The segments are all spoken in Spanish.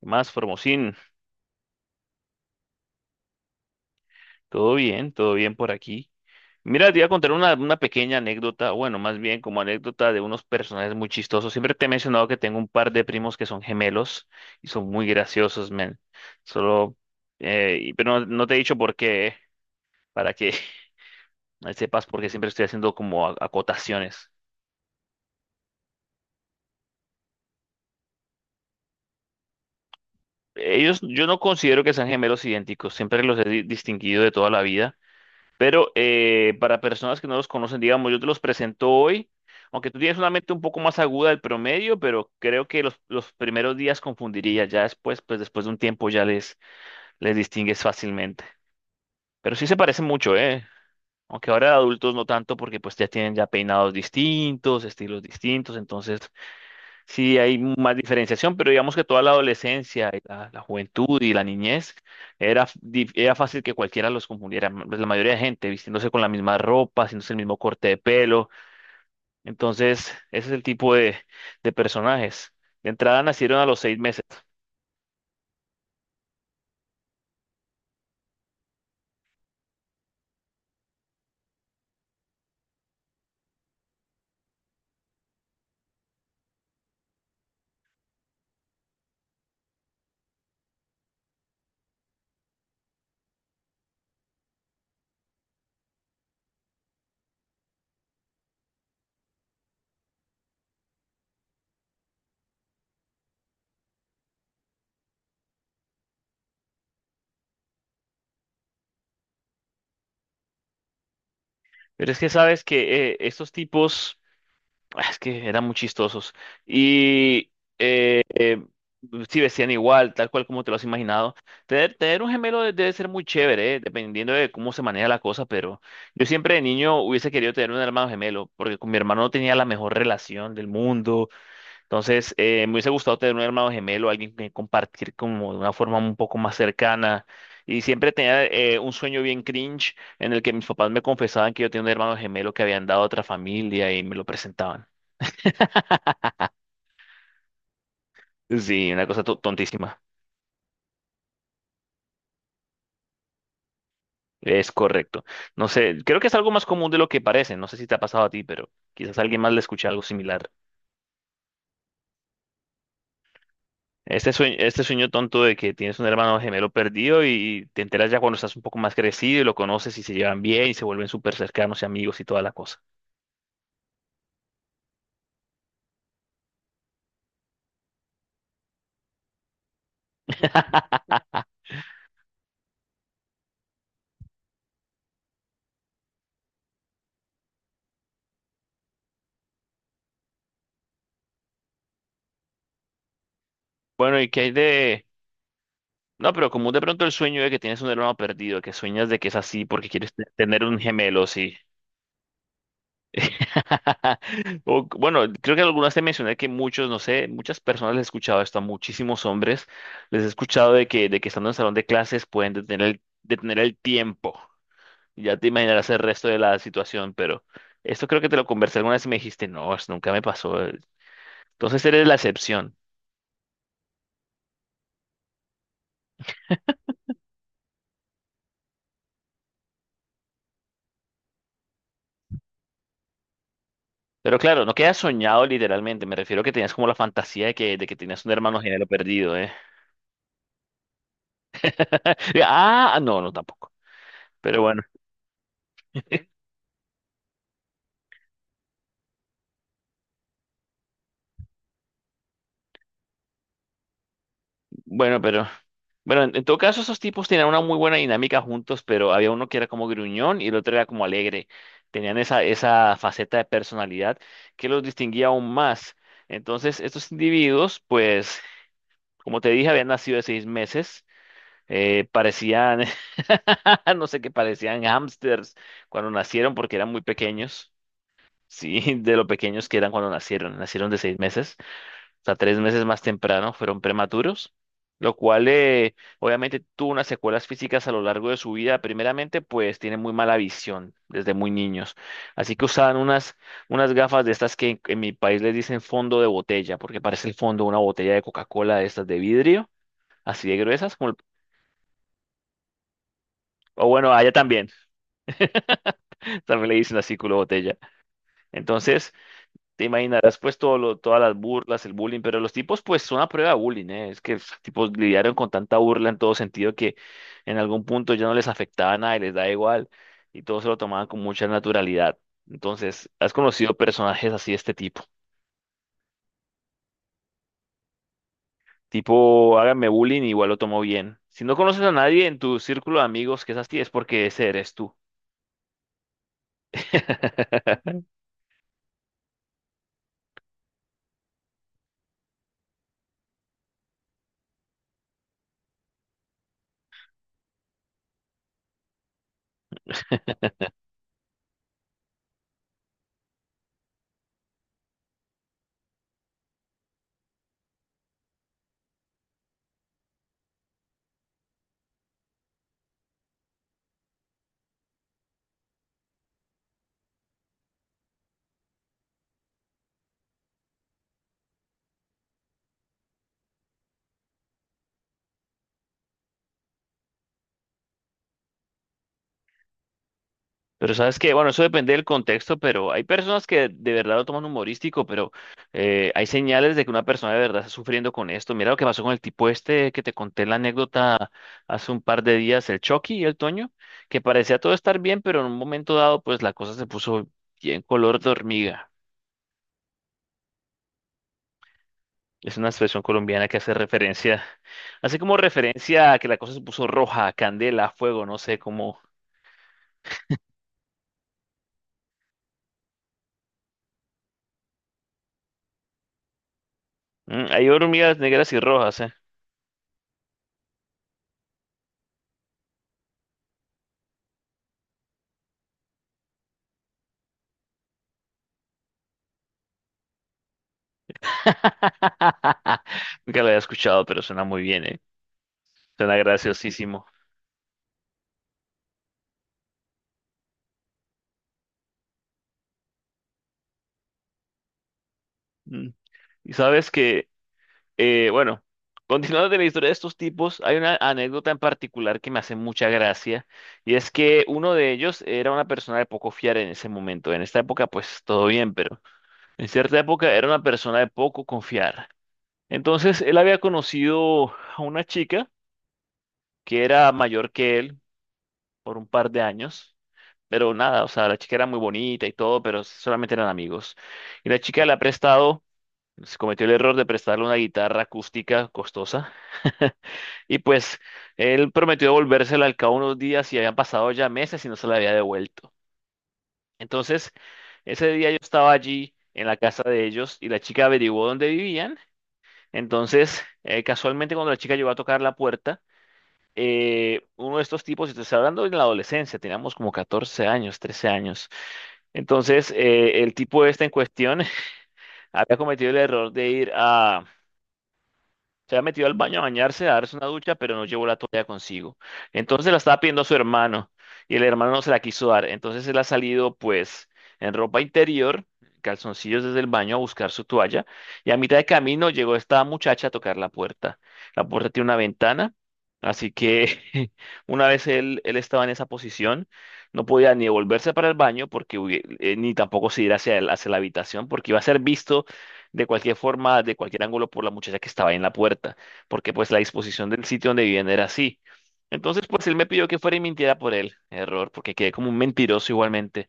¿Qué más, Formosín? Todo bien por aquí. Mira, te iba a contar una pequeña anécdota, bueno, más bien como anécdota de unos personajes muy chistosos. Siempre te he mencionado que tengo un par de primos que son gemelos y son muy graciosos, men. Solo, pero no te he dicho por qué, para que sepas, porque siempre estoy haciendo como acotaciones. Ellos, yo no considero que sean gemelos idénticos, siempre los he distinguido de toda la vida. Pero para personas que no los conocen, digamos, yo te los presento hoy, aunque tú tienes una mente un poco más aguda del promedio, pero creo que los primeros días confundiría, ya después, pues después de un tiempo ya les distingues fácilmente. Pero sí se parecen mucho, ¿eh? Aunque ahora de adultos no tanto porque pues ya tienen ya peinados distintos, estilos distintos, entonces sí, hay más diferenciación, pero digamos que toda la adolescencia, y la juventud y la niñez era, era fácil que cualquiera los confundiera. Pues, la mayoría de gente vistiéndose con la misma ropa, haciéndose el mismo corte de pelo. Entonces, ese es el tipo de personajes. De entrada nacieron a los 6 meses. Pero es que sabes que estos tipos. Ah, es que eran muy chistosos. Y eh, eh, sí vestían igual, tal cual como te lo has imaginado. Tener un gemelo debe ser muy chévere, dependiendo de cómo se maneja la cosa, pero yo siempre de niño hubiese querido tener un hermano gemelo, porque con mi hermano no tenía la mejor relación del mundo. Entonces, me hubiese gustado tener un hermano gemelo, alguien que compartir como de una forma un poco más cercana. Y siempre tenía un sueño bien cringe en el que mis papás me confesaban que yo tenía un hermano gemelo que habían dado a otra familia y me lo presentaban. Sí, una cosa tontísima. Es correcto. No sé, creo que es algo más común de lo que parece. No sé si te ha pasado a ti, pero quizás a alguien más le escuche algo similar. Este sueño tonto de que tienes un hermano gemelo perdido y te enteras ya cuando estás un poco más crecido y lo conoces y se llevan bien y se vuelven súper cercanos y amigos y toda la cosa. Bueno, ¿y qué hay de...? No, pero común de pronto el sueño de que tienes un hermano perdido, que sueñas de que es así porque quieres tener un gemelo, sí. Bueno, creo que algunas te mencioné que muchos, no sé, muchas personas les he escuchado esto a muchísimos hombres. Les he escuchado de que estando en el salón de clases pueden detener el tiempo. Ya te imaginarás el resto de la situación, pero esto creo que te lo conversé alguna vez y me dijiste, no, eso nunca me pasó. Entonces eres la excepción. Pero claro, no quedas soñado literalmente. Me refiero a que tenías como la fantasía de que tenías un hermano gemelo perdido, ¿eh? Ah, no, no, tampoco. Pero bueno, bueno, pero. Bueno, en todo caso, esos tipos tenían una muy buena dinámica juntos, pero había uno que era como gruñón y el otro era como alegre. Tenían esa faceta de personalidad que los distinguía aún más. Entonces, estos individuos, pues, como te dije, habían nacido de 6 meses. Parecían, no sé qué, parecían hámsters cuando nacieron porque eran muy pequeños. Sí, de lo pequeños que eran cuando nacieron. Nacieron de 6 meses sea, 3 meses más temprano, fueron prematuros, lo cual obviamente tuvo unas secuelas físicas a lo largo de su vida. Primeramente, pues tienen muy mala visión desde muy niños. Así que usaban unas, unas gafas de estas que en mi país les dicen fondo de botella, porque parece el fondo de una botella de Coca-Cola de estas de vidrio, así de gruesas, o bueno, allá también, también le dicen así culo de botella. Entonces... Te imaginarás pues todas las burlas, el bullying, pero los tipos pues son a prueba de bullying, ¿eh? Es que los tipos lidiaron con tanta burla en todo sentido que en algún punto ya no les afectaba nada y les da igual y todos se lo tomaban con mucha naturalidad. Entonces, ¿has conocido personajes así de este tipo? Tipo, háganme bullying, igual lo tomo bien. Si no conoces a nadie en tu círculo de amigos que es así, es porque ese eres tú. Pero sabes que, bueno, eso depende del contexto, pero hay personas que de verdad lo toman humorístico, pero hay señales de que una persona de verdad está sufriendo con esto. Mira lo que pasó con el tipo este que te conté la anécdota hace un par de días, el Chucky y el Toño, que parecía todo estar bien, pero en un momento dado, pues la cosa se puso bien color de hormiga. Es una expresión colombiana que hace referencia, hace como referencia a que la cosa se puso roja, candela, fuego, no sé, como mm, hay hormigas negras y rojas, ¿eh? Nunca lo había escuchado, pero suena muy bien, ¿eh? Suena graciosísimo. Mm. Y sabes que, bueno, continuando de la historia de estos tipos, hay una anécdota en particular que me hace mucha gracia, y es que uno de ellos era una persona de poco fiar en ese momento. En esta época, pues todo bien, pero en cierta época era una persona de poco confiar. Entonces, él había conocido a una chica que era mayor que él por un par de años. Pero nada, o sea, la chica era muy bonita y todo, pero solamente eran amigos. Y la chica le ha prestado, se cometió el error de prestarle una guitarra acústica costosa. Y pues él prometió devolvérsela al cabo de unos días y habían pasado ya meses y no se la había devuelto. Entonces, ese día yo estaba allí en la casa de ellos y la chica averiguó dónde vivían. Entonces, casualmente cuando la chica llegó a tocar la puerta, uno de estos tipos, y te estoy hablando en la adolescencia, teníamos como 14 años, 13 años, entonces, el tipo este en cuestión había cometido el error de se había metido al baño a bañarse, a darse una ducha, pero no llevó la toalla consigo. Entonces la estaba pidiendo a su hermano y el hermano no se la quiso dar. Entonces él ha salido pues en ropa interior, calzoncillos desde el baño a buscar su toalla y a mitad de camino llegó esta muchacha a tocar la puerta. La puerta tiene una ventana, así que una vez él estaba en esa posición, no podía ni volverse para el baño porque ni tampoco se ir hacia, hacia la habitación porque iba a ser visto de cualquier forma, de cualquier ángulo por la muchacha que estaba ahí en la puerta, porque pues la disposición del sitio donde vivían era así. Entonces, pues él me pidió que fuera y mintiera por él. Error, porque quedé como un mentiroso igualmente.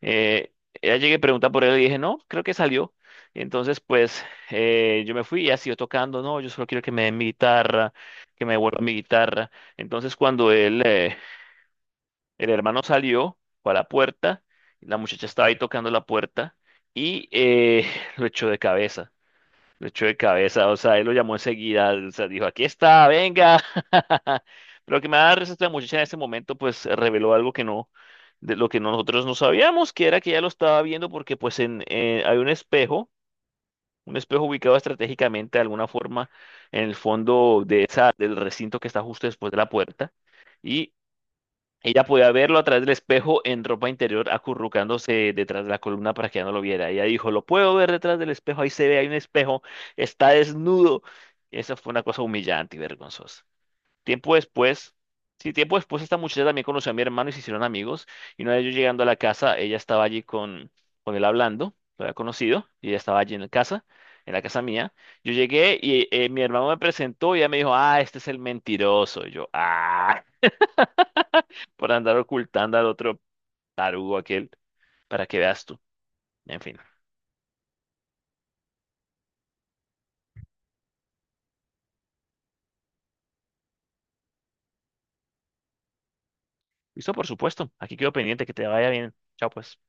Eh, ella llegué, pregunta por él y dije, no, creo que salió. Entonces, pues yo me fui y ha siguió tocando, no, yo solo quiero que me den mi guitarra, que me devuelva mi guitarra. Entonces, cuando el hermano salió para la puerta, la muchacha estaba ahí tocando la puerta y lo echó de cabeza. Lo echó de cabeza, o sea, él lo llamó enseguida, o sea, dijo, aquí está, venga. Pero lo que me da risa es que la muchacha en ese momento, pues, reveló algo que no, de lo que nosotros no sabíamos, que era que ella lo estaba viendo porque, pues, hay un espejo ubicado estratégicamente de alguna forma en el fondo de esa, del recinto que está justo después de la puerta. Y ella podía verlo a través del espejo en ropa interior, acurrucándose detrás de la columna para que ya no lo viera. Ella dijo, lo puedo ver detrás del espejo, ahí se ve, hay un espejo, está desnudo. Esa fue una cosa humillante y vergonzosa. Tiempo después, sí, tiempo después esta muchacha también conoció a mi hermano y se hicieron amigos. Y una vez yo llegando a la casa, ella estaba allí con él hablando, lo había conocido, y ella estaba allí en la casa mía. Yo llegué y mi hermano me presentó y ella me dijo, ah, este es el mentiroso. Y yo, ah por andar ocultando al otro tarugo aquel, para que veas tú. En fin. Listo, por supuesto. Aquí quedo pendiente, que te vaya bien. Chao, pues.